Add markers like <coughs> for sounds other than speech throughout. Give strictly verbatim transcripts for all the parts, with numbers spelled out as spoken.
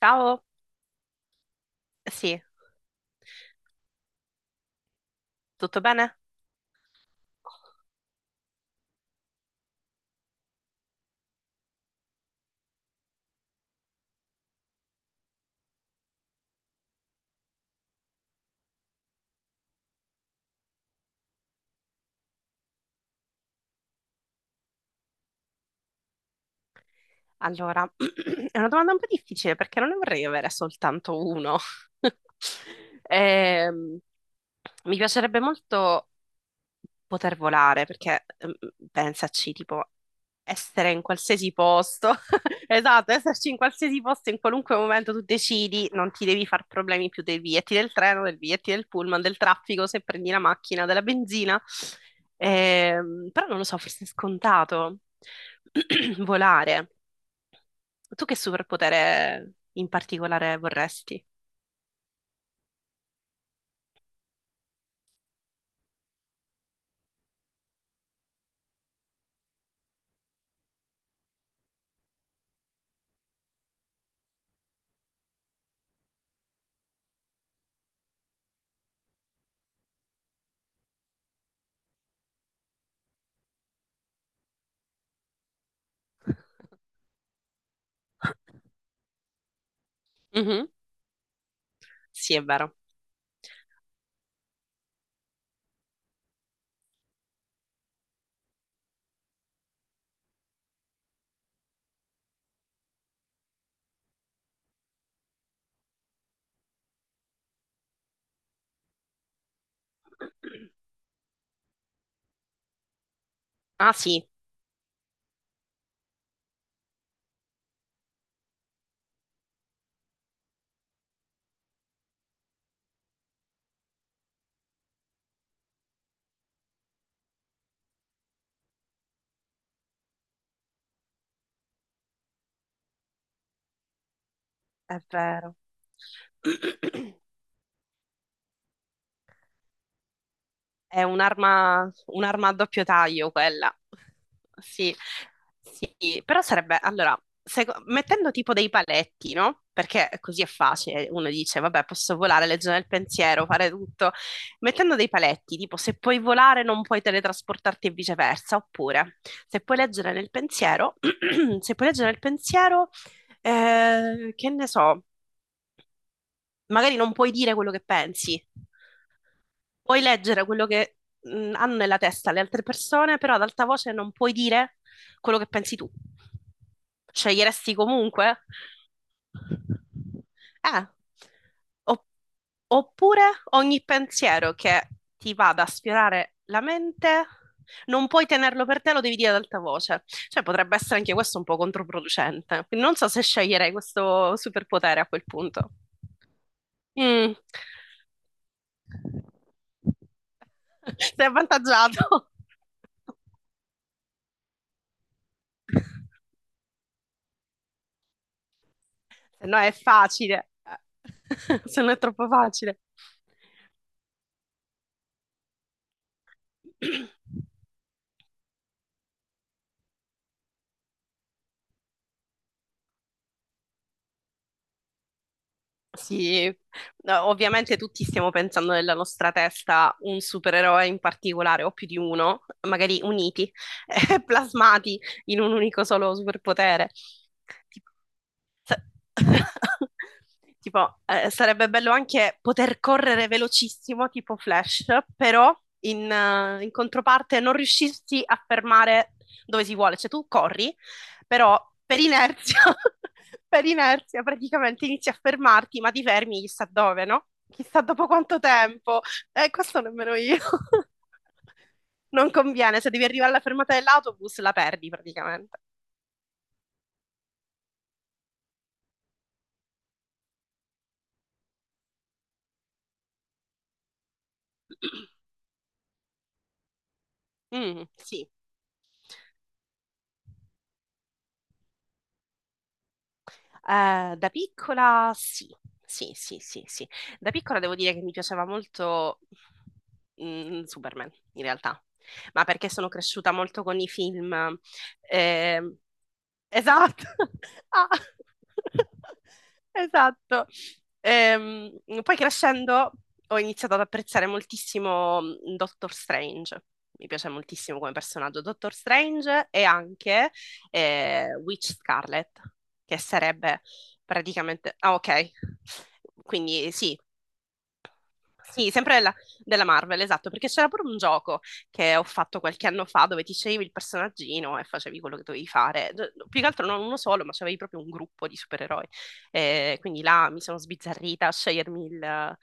Ciao, sì, tutto bene? Allora, <clears throat> è una domanda un po' difficile perché non ne vorrei avere soltanto uno. <laughs> Ehm, mi piacerebbe molto poter volare perché, ehm, pensaci, tipo, essere in qualsiasi posto, <laughs> esatto, esserci in qualsiasi posto, in qualunque momento tu decidi, non ti devi far problemi più dei biglietti del treno, del biglietti del pullman, del traffico, se prendi la macchina, della benzina. Ehm, però non lo so, forse è scontato <clears throat> volare. Tu che superpotere in particolare vorresti? Mhm. Sì, è vero. Ah, sì, è vero. <clears throat> È un'arma un'arma a doppio taglio quella. Sì, sì, però sarebbe, allora, seco- mettendo tipo dei paletti, no? Perché così è facile, uno dice, vabbè, posso volare, legge nel pensiero, fare tutto. Mettendo dei paletti, tipo, se puoi volare non puoi teletrasportarti e viceversa, oppure, se puoi leggere nel pensiero, <clears throat> se puoi leggere nel pensiero, eh, che ne so, magari non puoi dire quello che pensi, puoi leggere quello che mh, hanno nella testa le altre persone, però ad alta voce non puoi dire quello che pensi tu. Sceglieresti comunque? Eh. Opp- oppure ogni pensiero che ti vada a sfiorare la mente, non puoi tenerlo per te, lo devi dire ad alta voce. Cioè, potrebbe essere anche questo un po' controproducente. Quindi non so se sceglierei questo superpotere a quel punto. Mm. <laughs> Sei avvantaggiato. Se no è facile, <laughs> se no è troppo facile. Sì, no, ovviamente tutti stiamo pensando nella nostra testa un supereroe in particolare, o più di uno, magari uniti, <laughs> eh, plasmati in un unico solo superpotere. Tipo, sa- <laughs> tipo, eh, sarebbe bello anche poter correre velocissimo, tipo Flash, però in, eh, in controparte non riuscirsi a fermare dove si vuole. Cioè, tu corri però per inerzia, <laughs> per inerzia praticamente inizi a fermarti, ma ti fermi chissà dove, no? Chissà dopo quanto tempo. Eh, questo nemmeno io. <laughs> Non conviene, se devi arrivare alla fermata dell'autobus la perdi praticamente. Mm, sì. Eh, da piccola sì, sì, sì, sì, sì. Da piccola devo dire che mi piaceva molto mm, Superman, in realtà, ma perché sono cresciuta molto con i film eh. Esatto. <laughs> Ah. <laughs> Esatto. Ehm, poi crescendo ho iniziato ad apprezzare moltissimo mm, Doctor Strange. Mi piace moltissimo come personaggio Doctor Strange e anche eh, Witch Scarlet, che sarebbe praticamente... Ah, ok. Quindi sì, sì, sempre della, della Marvel, esatto, perché c'era pure un gioco che ho fatto qualche anno fa dove ti sceglievi il personaggino e facevi quello che dovevi fare. D- Più che altro non uno solo, ma c'avevi proprio un gruppo di supereroi. Eh, quindi là mi sono sbizzarrita a scegliermi il,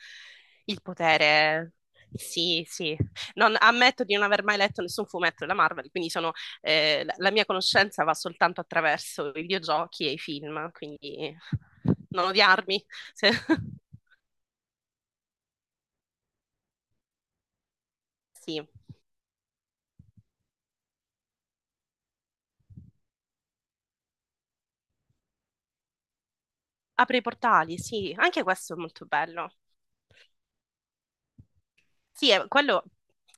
il potere. Sì, sì. Non- ammetto di non aver mai letto nessun fumetto della Marvel, quindi sono, eh, la la mia conoscenza va soltanto attraverso i videogiochi e i film, quindi non odiarmi. <laughs> Se- Sì. Apre i portali, sì, anche questo è molto bello. Sì, è- quello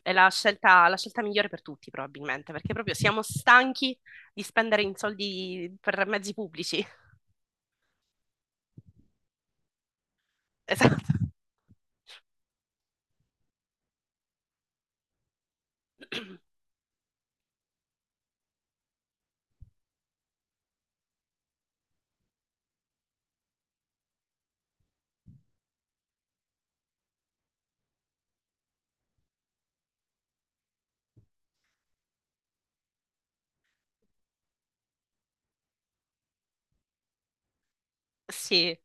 è la scelta, la scelta migliore per tutti, probabilmente, perché proprio siamo stanchi di spendere in soldi per mezzi pubblici. <laughs> Esatto. <clears throat> Sì,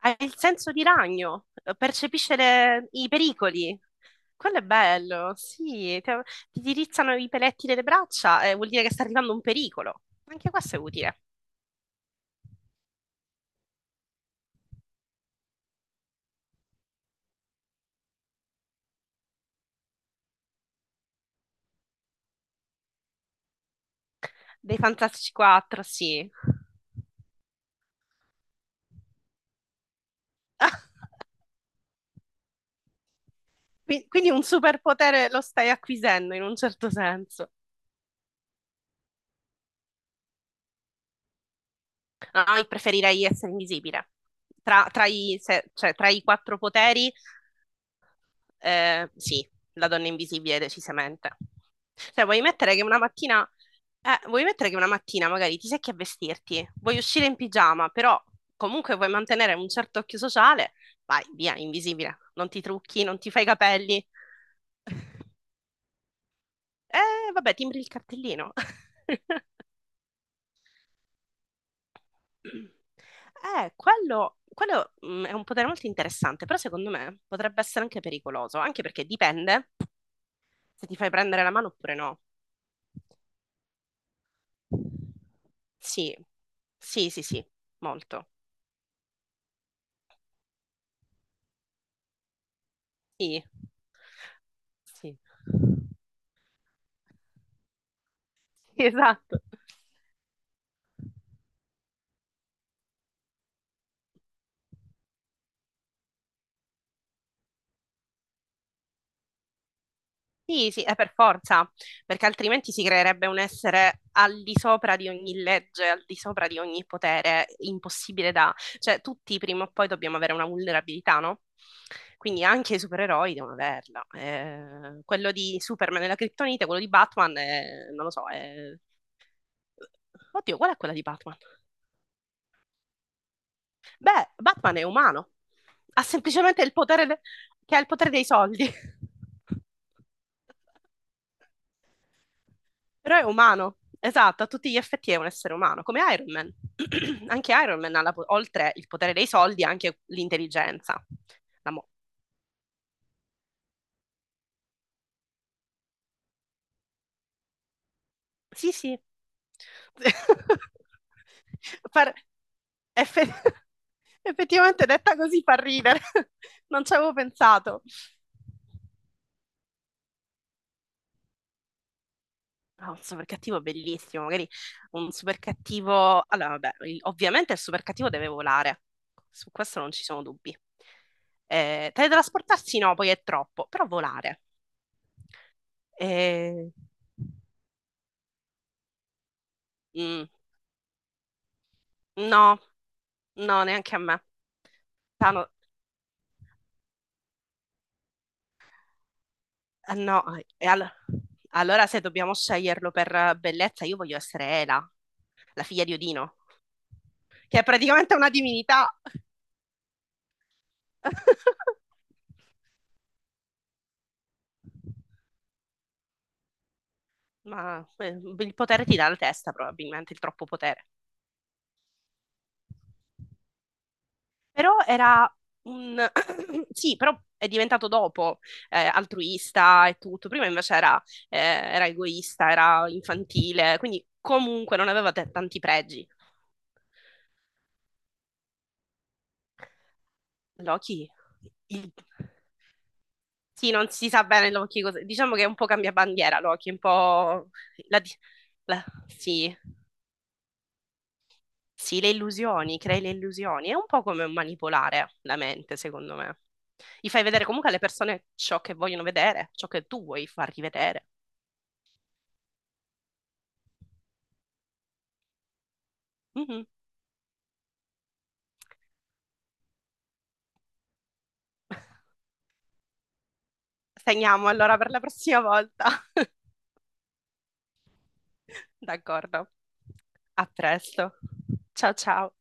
hai il senso di ragno, percepisce le- i pericoli. Quello è bello, sì, ti, ti dirizzano i peletti delle braccia, eh, vuol dire che sta arrivando un pericolo. Anche questo è utile. Dei Fantastici quattro, sì. <laughs> Qui- Quindi un superpotere lo stai acquisendo in un certo senso. No, io preferirei essere invisibile. Tra, tra i, se- cioè, tra i quattro poteri, eh, sì, la donna invisibile decisamente. Cioè, vuoi mettere che una mattina, eh, vuoi mettere che una mattina magari ti secchi a vestirti, vuoi uscire in pigiama, però comunque vuoi mantenere un certo occhio sociale, vai via, invisibile. Non ti trucchi, non ti fai i capelli. Eh, vabbè, timbri il cartellino. <laughs> Eh, quello, quello, mm, è un potere molto interessante, però secondo me potrebbe essere anche pericoloso, anche perché dipende se ti fai prendere la mano oppure no. Sì, sì, sì, sì, molto. Sì, sì. <laughs> Sì, esatto. Sì, sì, è per forza, perché altrimenti si creerebbe un essere al di sopra di ogni legge, al di sopra di ogni potere, impossibile da... Cioè, tutti prima o poi dobbiamo avere una vulnerabilità, no? Quindi anche i supereroi devono averla. Eh, quello di Superman è la criptonite, quello di Batman è... non lo so, è... Oddio, qual è quella di Batman? Beh, Batman è umano, ha semplicemente il potere, de- che ha il potere dei soldi. <laughs> Però è umano, esatto, a tutti gli effetti è un essere umano, come Iron Man. <clears throat> Anche Iron Man ha, la po- oltre il potere dei soldi, anche l'intelligenza. La mo- sì, sì. <laughs> Far- effe- <laughs> Effettivamente detta così fa ridere, <laughs> non ci avevo pensato. Ah, un super cattivo bellissimo, magari un super cattivo. Allora, vabbè, il- ovviamente il super cattivo deve volare, su questo non ci sono dubbi. Eh, teletrasportarsi no, poi è troppo, però volare. Eh, mm, no, no, neanche a me. Tano- eh, no, e all- allora se dobbiamo sceglierlo per bellezza, io voglio essere Ela, la figlia di Odino, che è praticamente una divinità. <laughs> Ma eh, il potere ti dà la testa, probabilmente, il troppo potere. Però era un... <coughs> <clears throat> sì, però è diventato dopo eh, altruista e tutto. Prima invece era, eh, era egoista, era infantile, quindi comunque non aveva t- tanti pregi. Loki, il- sì, non si sa bene Loki cosa... Diciamo che è un po' cambia bandiera Loki, è un po'... La... di- la- Sì, sì, le illusioni, crei le illusioni. È un po' come manipolare la mente, secondo me. Gli fai vedere comunque alle persone ciò che vogliono vedere, ciò che tu vuoi fargli vedere. Mhm. Segniamo allora per la prossima volta. <laughs> D'accordo. A presto. Ciao ciao.